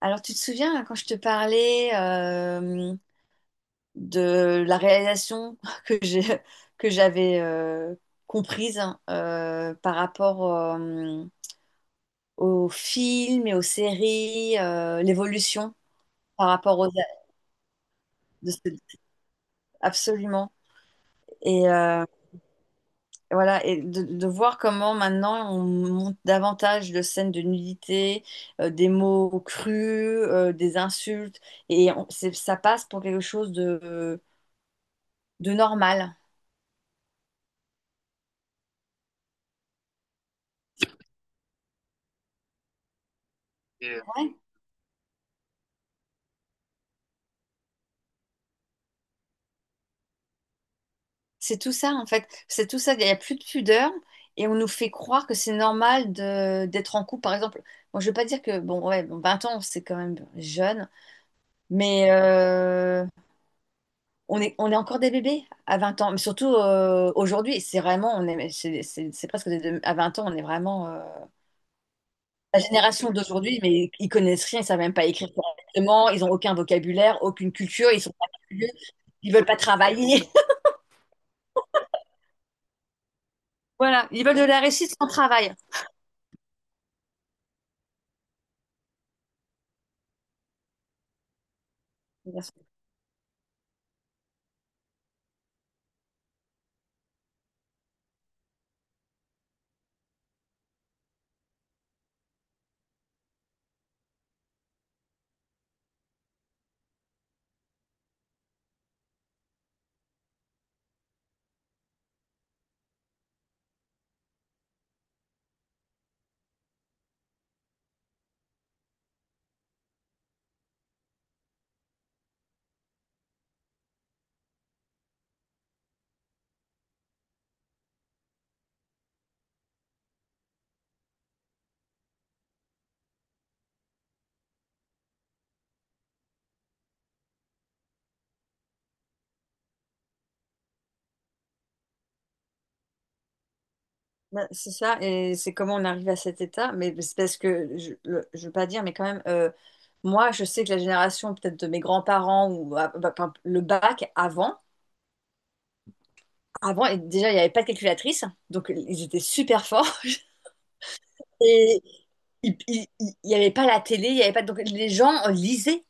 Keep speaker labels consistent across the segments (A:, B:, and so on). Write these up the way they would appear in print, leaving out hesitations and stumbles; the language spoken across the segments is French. A: Alors, tu te souviens hein, quand je te parlais de la réalisation que j'ai, que j'avais comprise hein, par rapport aux films et aux séries, l'évolution par rapport aux... de ce- Absolument. Et voilà, et de voir comment maintenant on monte davantage de scènes de nudité, des mots crus, des insultes, ça passe pour quelque chose de normal. Ouais, c'est tout ça en fait. C'est tout ça. Il n'y a plus de pudeur et on nous fait croire que c'est normal de d'être en couple. Par exemple, moi je veux pas dire que bon ouais, bon, 20 ans c'est quand même jeune, mais on est encore des bébés à 20 ans. Mais surtout aujourd'hui, c'est vraiment on est c'est presque des deux- à 20 ans on est vraiment la génération d'aujourd'hui, mais ils connaissent rien, ils savent même pas écrire correctement, ils ont aucun vocabulaire, aucune culture, ils sont pas curieux, ils veulent pas travailler. Voilà, ils veulent de la réussite sans travail. Ben, c'est ça, et c'est comment on arrive à cet état, mais c'est parce que, je ne veux pas dire, mais quand même, moi, je sais que la génération peut-être de mes grands-parents, ou ah, bah, par exemple, le bac avant, avant, et déjà, il n'y avait pas de calculatrice, donc ils étaient super forts, et il n'y avait pas la télé, il y avait pas, donc les gens lisaient,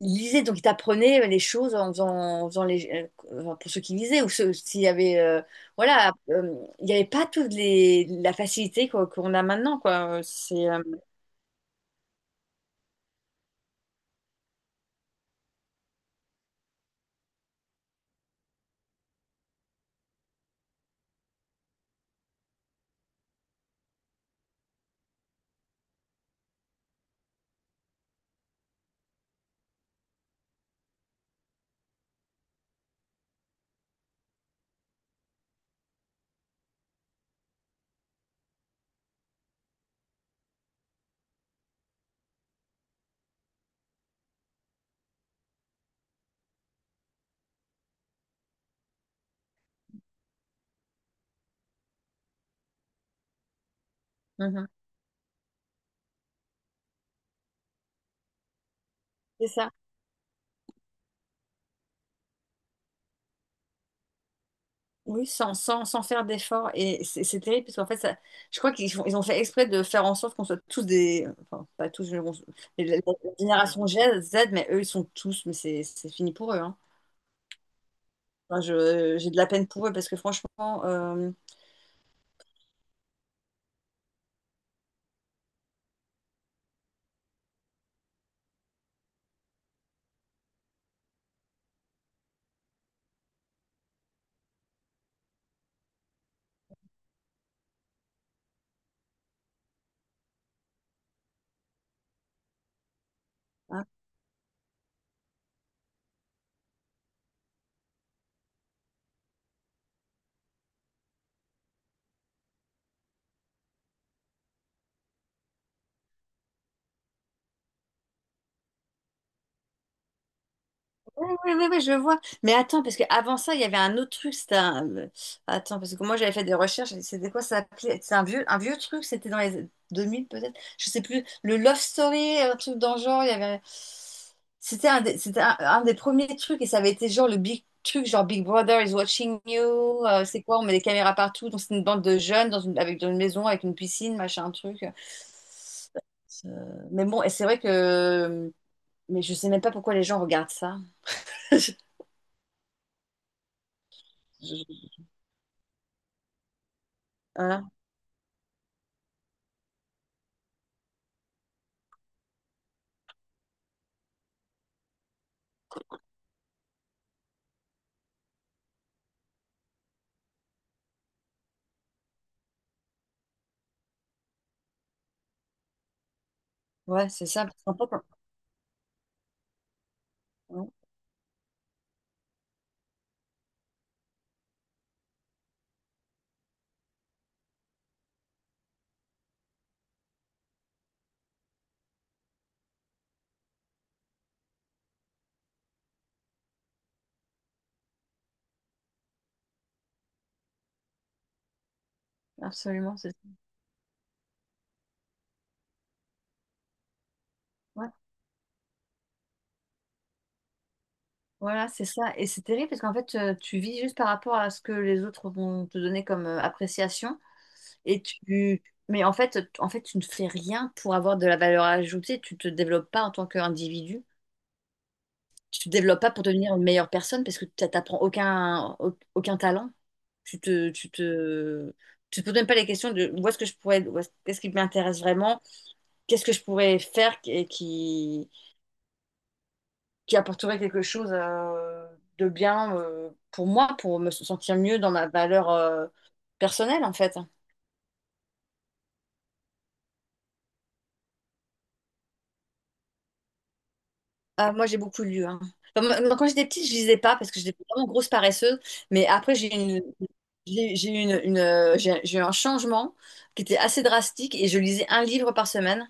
A: ils lisaient, donc ils t'apprenaient les choses en faisant, en faisant les, enfin, pour ceux qui lisaient, ou ceux, s'il y avait, voilà, il n'y avait pas toute les, la facilité qu'on a maintenant, quoi, Mhm. C'est ça. Oui, sans faire d'efforts. Et c'est terrible parce qu'en fait, ça, je crois ils ont fait exprès de faire en sorte qu'on soit tous des. Enfin, pas tous, mais bon, mais la génération Z, mais eux, ils sont tous, mais c'est fini pour eux, hein. Enfin, j'ai de la peine pour eux parce que franchement. Ah, oui, oui, oui, oui, je vois. Mais attends, parce qu'avant ça, il y avait un autre truc. Attends, parce que moi, j'avais fait des recherches. C'était quoi ça s'appelait? Un vieux truc. C'était dans les 2000 peut-être. Je sais plus. Le Love Story, un truc dans le genre. Il y avait... c'était un des premiers trucs. Et ça avait été genre le big truc, genre Big Brother is watching you. C'est quoi? On met des caméras partout. Donc, c'est une bande de jeunes dans une maison, avec une piscine, machin, truc. Mais bon, et c'est vrai que... Mais je sais même pas pourquoi les gens regardent ça. Voilà. Ouais, c'est ça. Parce qu'en fait, ouais, absolument, c'est ça. Ouais, voilà, c'est ça. Et c'est terrible parce qu'en fait, tu vis juste par rapport à ce que les autres vont te donner comme appréciation. Et tu... Mais en fait, en fait, tu ne fais rien pour avoir de la valeur ajoutée. Tu te développes pas en tant qu'individu. Tu te développes pas pour devenir une meilleure personne parce que tu n'apprends aucun talent. Tu te, tu te... Tu te poses même pas les questions de où est-ce que je pourrais, où est-ce- qu'est-ce qui m'intéresse vraiment, qu'est-ce que je pourrais faire qui apporterait quelque chose de bien pour moi, pour me sentir mieux dans ma valeur personnelle, en fait. Ah, moi, j'ai beaucoup lu, hein. Enfin, moi, quand j'étais petite, je lisais pas parce que j'étais vraiment grosse paresseuse. Mais après, j'ai une, j'ai eu une, j'ai eu un changement qui était assez drastique et je lisais un livre par semaine.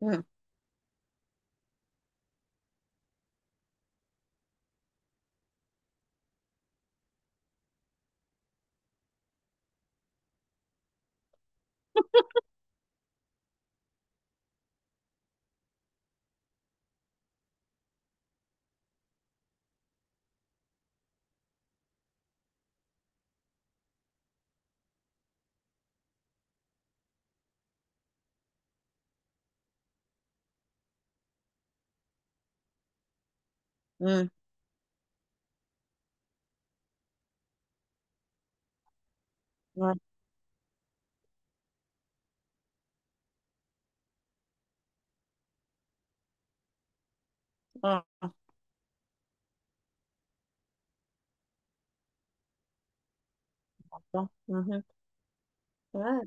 A: Mm, mm, ouais, ouais, ouais, mhm. Ouais,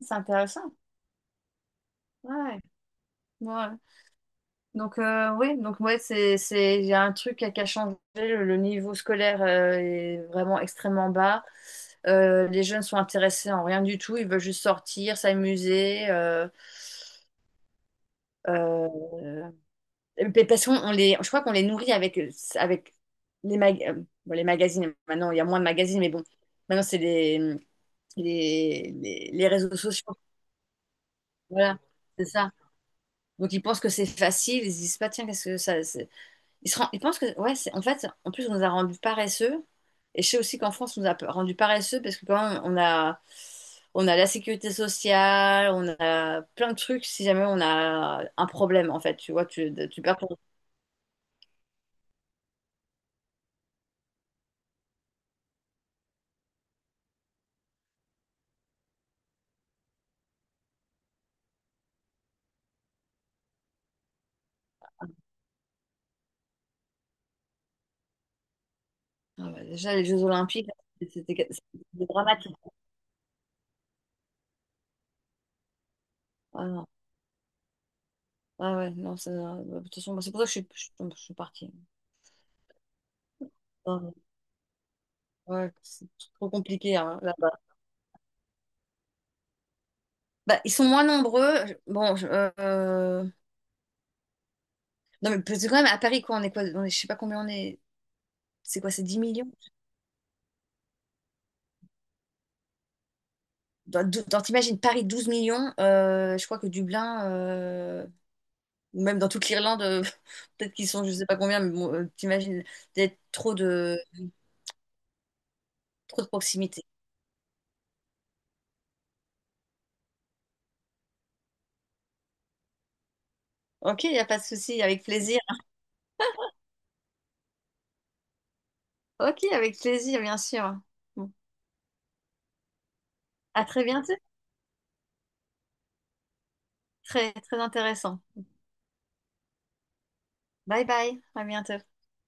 A: c'est intéressant. Ouais, ouais. Donc oui, donc ouais, c'est il y a un truc qui a changé. Le niveau scolaire est vraiment extrêmement bas. Les jeunes sont intéressés en rien du tout. Ils veulent juste sortir, s'amuser. Euh, et puis, parce qu'on on les, je crois qu'on les nourrit avec les mag- euh, bon, les magazines. Maintenant, il y a moins de magazines, mais bon, maintenant c'est les réseaux sociaux. Voilà, c'est ça. Donc ils pensent que c'est facile. Ils se disent pas tiens, qu'est-ce que ça. Il pense que, ouais, en fait, en plus, on nous a rendus paresseux. Et je sais aussi qu'en France, on nous a rendus paresseux parce que quand même, on a la sécurité sociale, on a plein de trucs si jamais on a un problème, en fait. Tu vois, tu perds ton... Ah ouais, déjà, les Jeux Olympiques, c'était dramatique. Ah non, ah ouais, non, ça- de toute façon, c'est pour ça que je suis partie. Ah ouais, c'est trop compliqué hein, là-bas. Bah, ils sont moins nombreux. Bon, euh, non, mais parce que quand même, à Paris, quoi? On est, je sais pas combien on est. C'est quoi, c'est 10 millions? T'imagines Paris 12 millions, je crois que Dublin, ou même dans toute l'Irlande, peut-être qu'ils sont je sais pas combien, mais bon, t'imagines d'être trop de proximité. Ok, il n'y a pas de souci, avec plaisir. Ok, avec plaisir, bien sûr. Bon. À très bientôt. Très, très intéressant. Bye bye, à bientôt.